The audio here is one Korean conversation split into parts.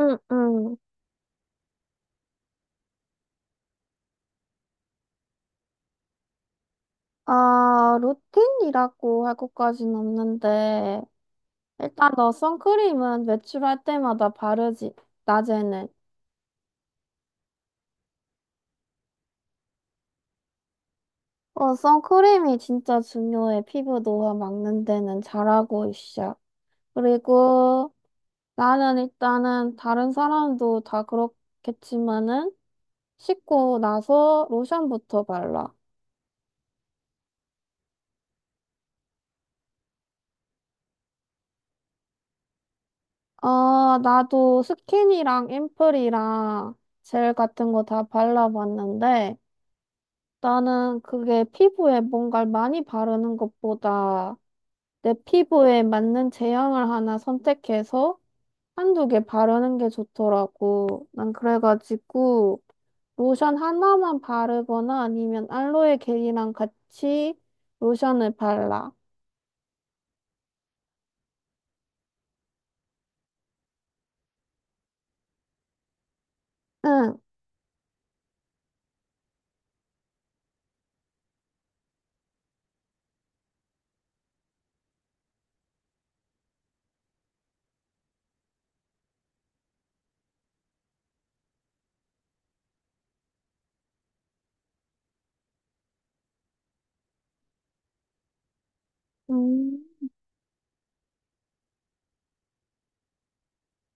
응, 응. 아, 루틴이라고 할 것까진 없는데, 일단 너 선크림은 외출할 때마다 바르지, 낮에는. 어, 선크림이 진짜 중요해. 피부 노화 막는 데는 잘하고 있어. 그리고 나는 일단은 다른 사람도 다 그렇겠지만은, 씻고 나서 로션부터 발라. 어, 나도 스킨이랑 앰플이랑 젤 같은 거 다 발라봤는데, 나는 그게 피부에 뭔가를 많이 바르는 것보다 내 피부에 맞는 제형을 하나 선택해서 한두 개 바르는 게 좋더라고. 난 그래가지고 로션 하나만 바르거나 아니면 알로에 겔이랑 같이 로션을 발라. 응. 음.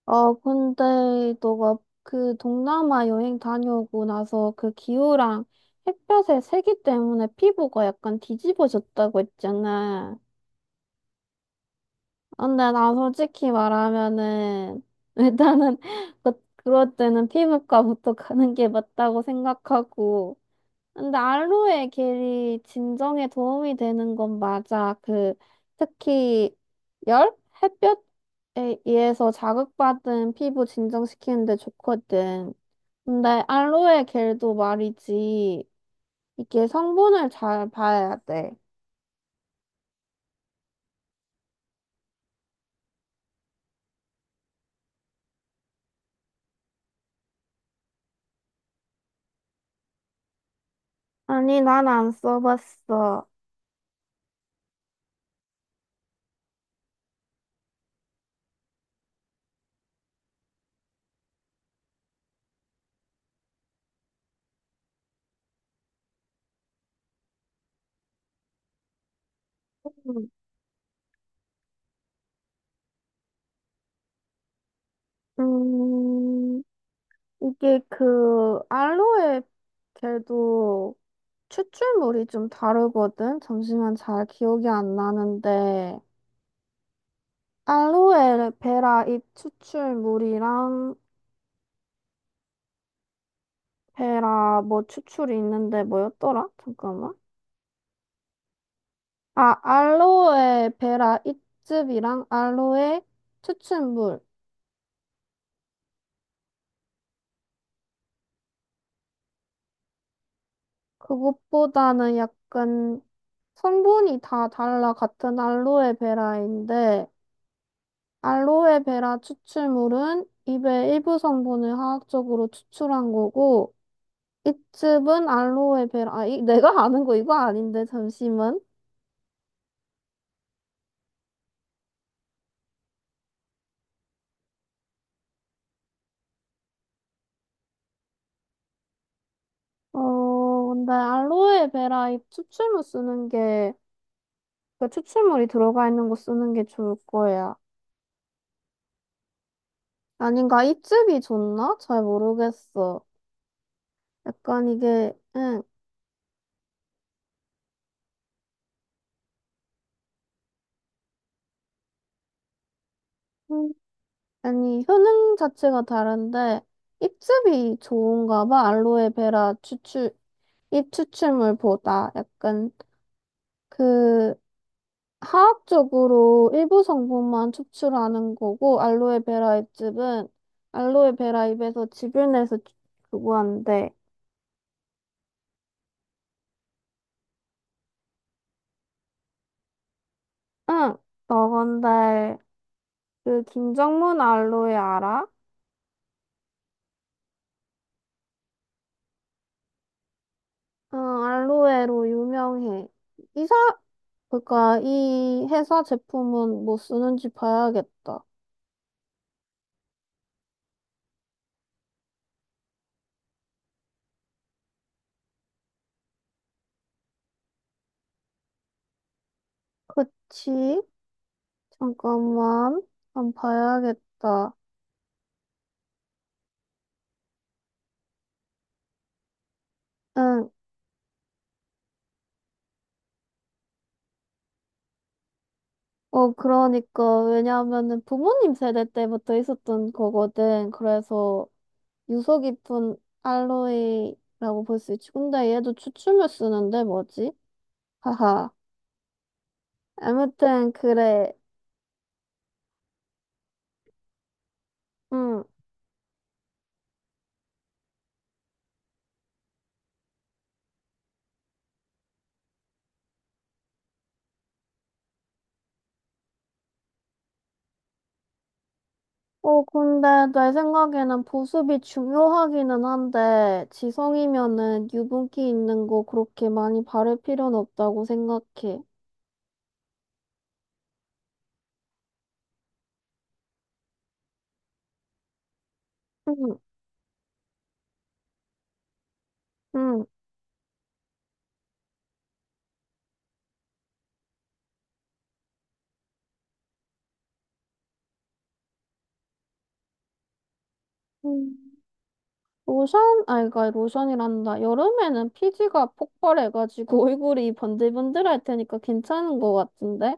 어, 근데 너가 그 동남아 여행 다녀오고 나서 그 기후랑 햇볕의 세기 때문에 피부가 약간 뒤집어졌다고 했잖아. 근데 나 솔직히 말하면은, 일단은, 그럴 때는 피부과부터 가는 게 맞다고 생각하고. 근데 알로에 겔이 진정에 도움이 되는 건 맞아. 그, 특히, 열? 햇볕에 의해서 자극받은 피부 진정시키는데 좋거든. 근데 알로에 겔도 말이지, 이게 성분을 잘 봐야 돼. 아니, 난 안 써봤어. 음. 음. 이게 그 알로에 겔도 추출물이 좀 다르거든. 잠시만 잘 기억이 안 나는데 알로에 베라 잎 추출물이랑 베라 뭐 추출이 있는데 뭐였더라? 잠깐만. 아, 알로에 베라 잎즙이랑 알로에 추출물. 그것보다는 약간 성분이 다 달라 같은 알로에 베라인데 알로에베라 추출물은 잎의 일부 성분을 화학적으로 추출한 거고, 잎즙은 알로에베라, 아, 이, 내가 아는 거 이거 아닌데, 잠시만. 어, 근데 알로에베라 잎 추출물 쓰는 게, 그 추출물이 들어가 있는 거 쓰는 게 좋을 거야. 아닌가? 잎즙이 좋나? 잘 모르겠어. 약간 이게, 응, 음, 아니, 효능 자체가 다른데, 잎즙이 좋은가 봐, 알로에베라 추출, 입 추출물보다 약간 그 화학적으로 일부 성분만 추출하는 거고 알로에베라 잎즙은 알로에베라 잎에서 즙을 내서 주고 한대. 응, 너건데그 김정문 알로에 알아? 응, 알로에로 유명해. 이사 그니까 이 회사 제품은 뭐 쓰는지 봐야겠다. 그치? 잠깐만, 한번 봐야겠다. 응. 어, 그러니까, 왜냐하면은 부모님 세대 때부터 있었던 거거든. 그래서 유서 깊은 알로이라고 볼 수 있지. 근데 얘도 추춤을 쓰는데 뭐지? 하하. 아무튼, 그래. 응. 어, 근데 내 생각에는 보습이 중요하기는 한데, 지성이면은 유분기 있는 거 그렇게 많이 바를 필요는 없다고 생각해. 응, 응. 응. 로션, 아, 그러니까 로션이란다. 여름에는 피지가 폭발해가지고 얼굴이 번들번들할 테니까 괜찮은 것 같은데?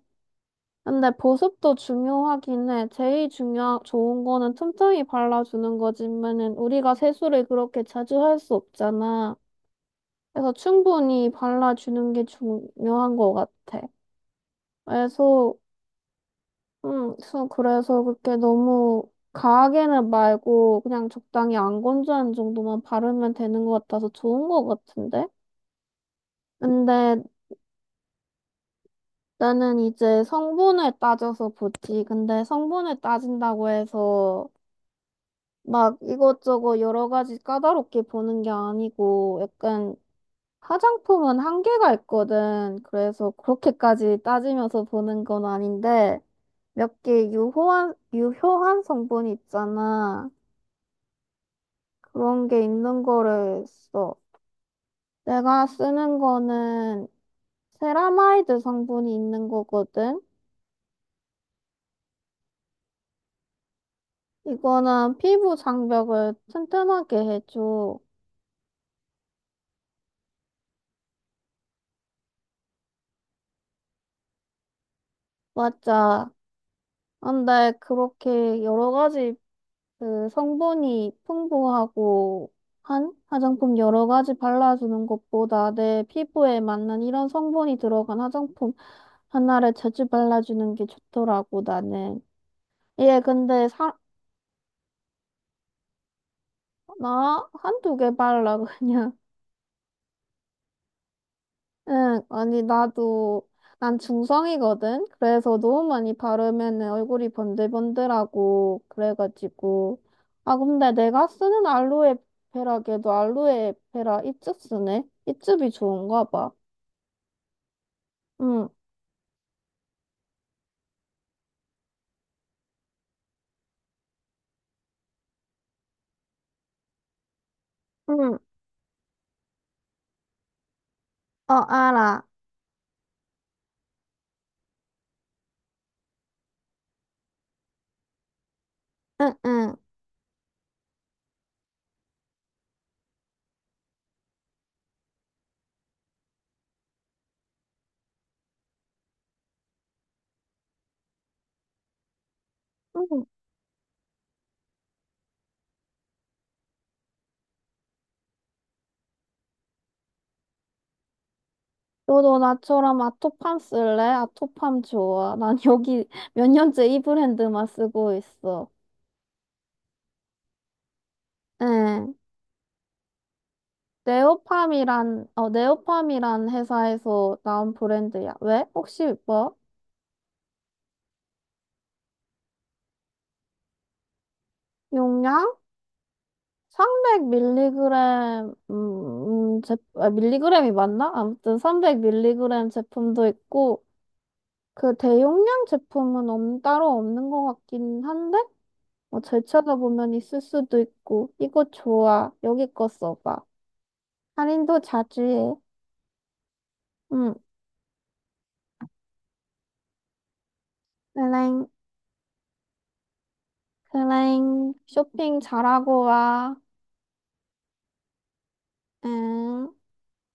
근데 보습도 중요하긴 해. 제일 중요, 좋은 거는 틈틈이 발라주는 거지만은 우리가 세수를 그렇게 자주 할 수 없잖아. 그래서 충분히 발라주는 게 중요한 것 같아. 그래서, 그래서 그렇게 너무 과하게는 말고 그냥 적당히 안 건조한 정도만 바르면 되는 것 같아서 좋은 것 같은데? 근데 나는 이제 성분을 따져서 보지. 근데 성분을 따진다고 해서 막 이것저것 여러 가지 까다롭게 보는 게 아니고 약간 화장품은 한계가 있거든. 그래서 그렇게까지 따지면서 보는 건 아닌데 몇 개 유효한 성분이 있잖아. 그런 게 있는 거를 써. 내가 쓰는 거는 세라마이드 성분이 있는 거거든. 이거는 피부 장벽을 튼튼하게 해줘. 맞아. 근데 그렇게 여러 가지 그 성분이 풍부하고 한 화장품 여러 가지 발라주는 것보다 내 피부에 맞는 이런 성분이 들어간 화장품 하나를 자주 발라주는 게 좋더라고, 나는. 얘 근데 사, 나 한두 개 발라, 그냥. 응, 아니, 나도, 난 중성이거든? 그래서 너무 많이 바르면은 얼굴이 번들번들하고, 그래가지고. 아, 근데 내가 쓰는 알로에 베라걔도 알로에 베라 잎즙 쓰네? 잎즙이 좋은가 봐. 응, 응, 어, 알아. 응, 응. 응. 너도 나처럼 아토팜 쓸래? 아토팜 좋아. 난 여기 몇 년째 이 브랜드만 쓰고 있어. 응. 네오팜이란, 어, 네오팜이란 회사에서 나온 브랜드야. 왜? 혹시 뭐? 용량? 300mg, 밀리그램이 맞나? 아무튼 300mg 제품도 있고, 그 대용량 제품은 없, 따로 없는 것 같긴 한데? 뭐, 잘 찾아보면 있을 수도 있고, 이거 좋아. 여기 거 써봐. 할인도 자주 해. 응, 클랭, 클랭, 쇼핑 잘하고 와. 응.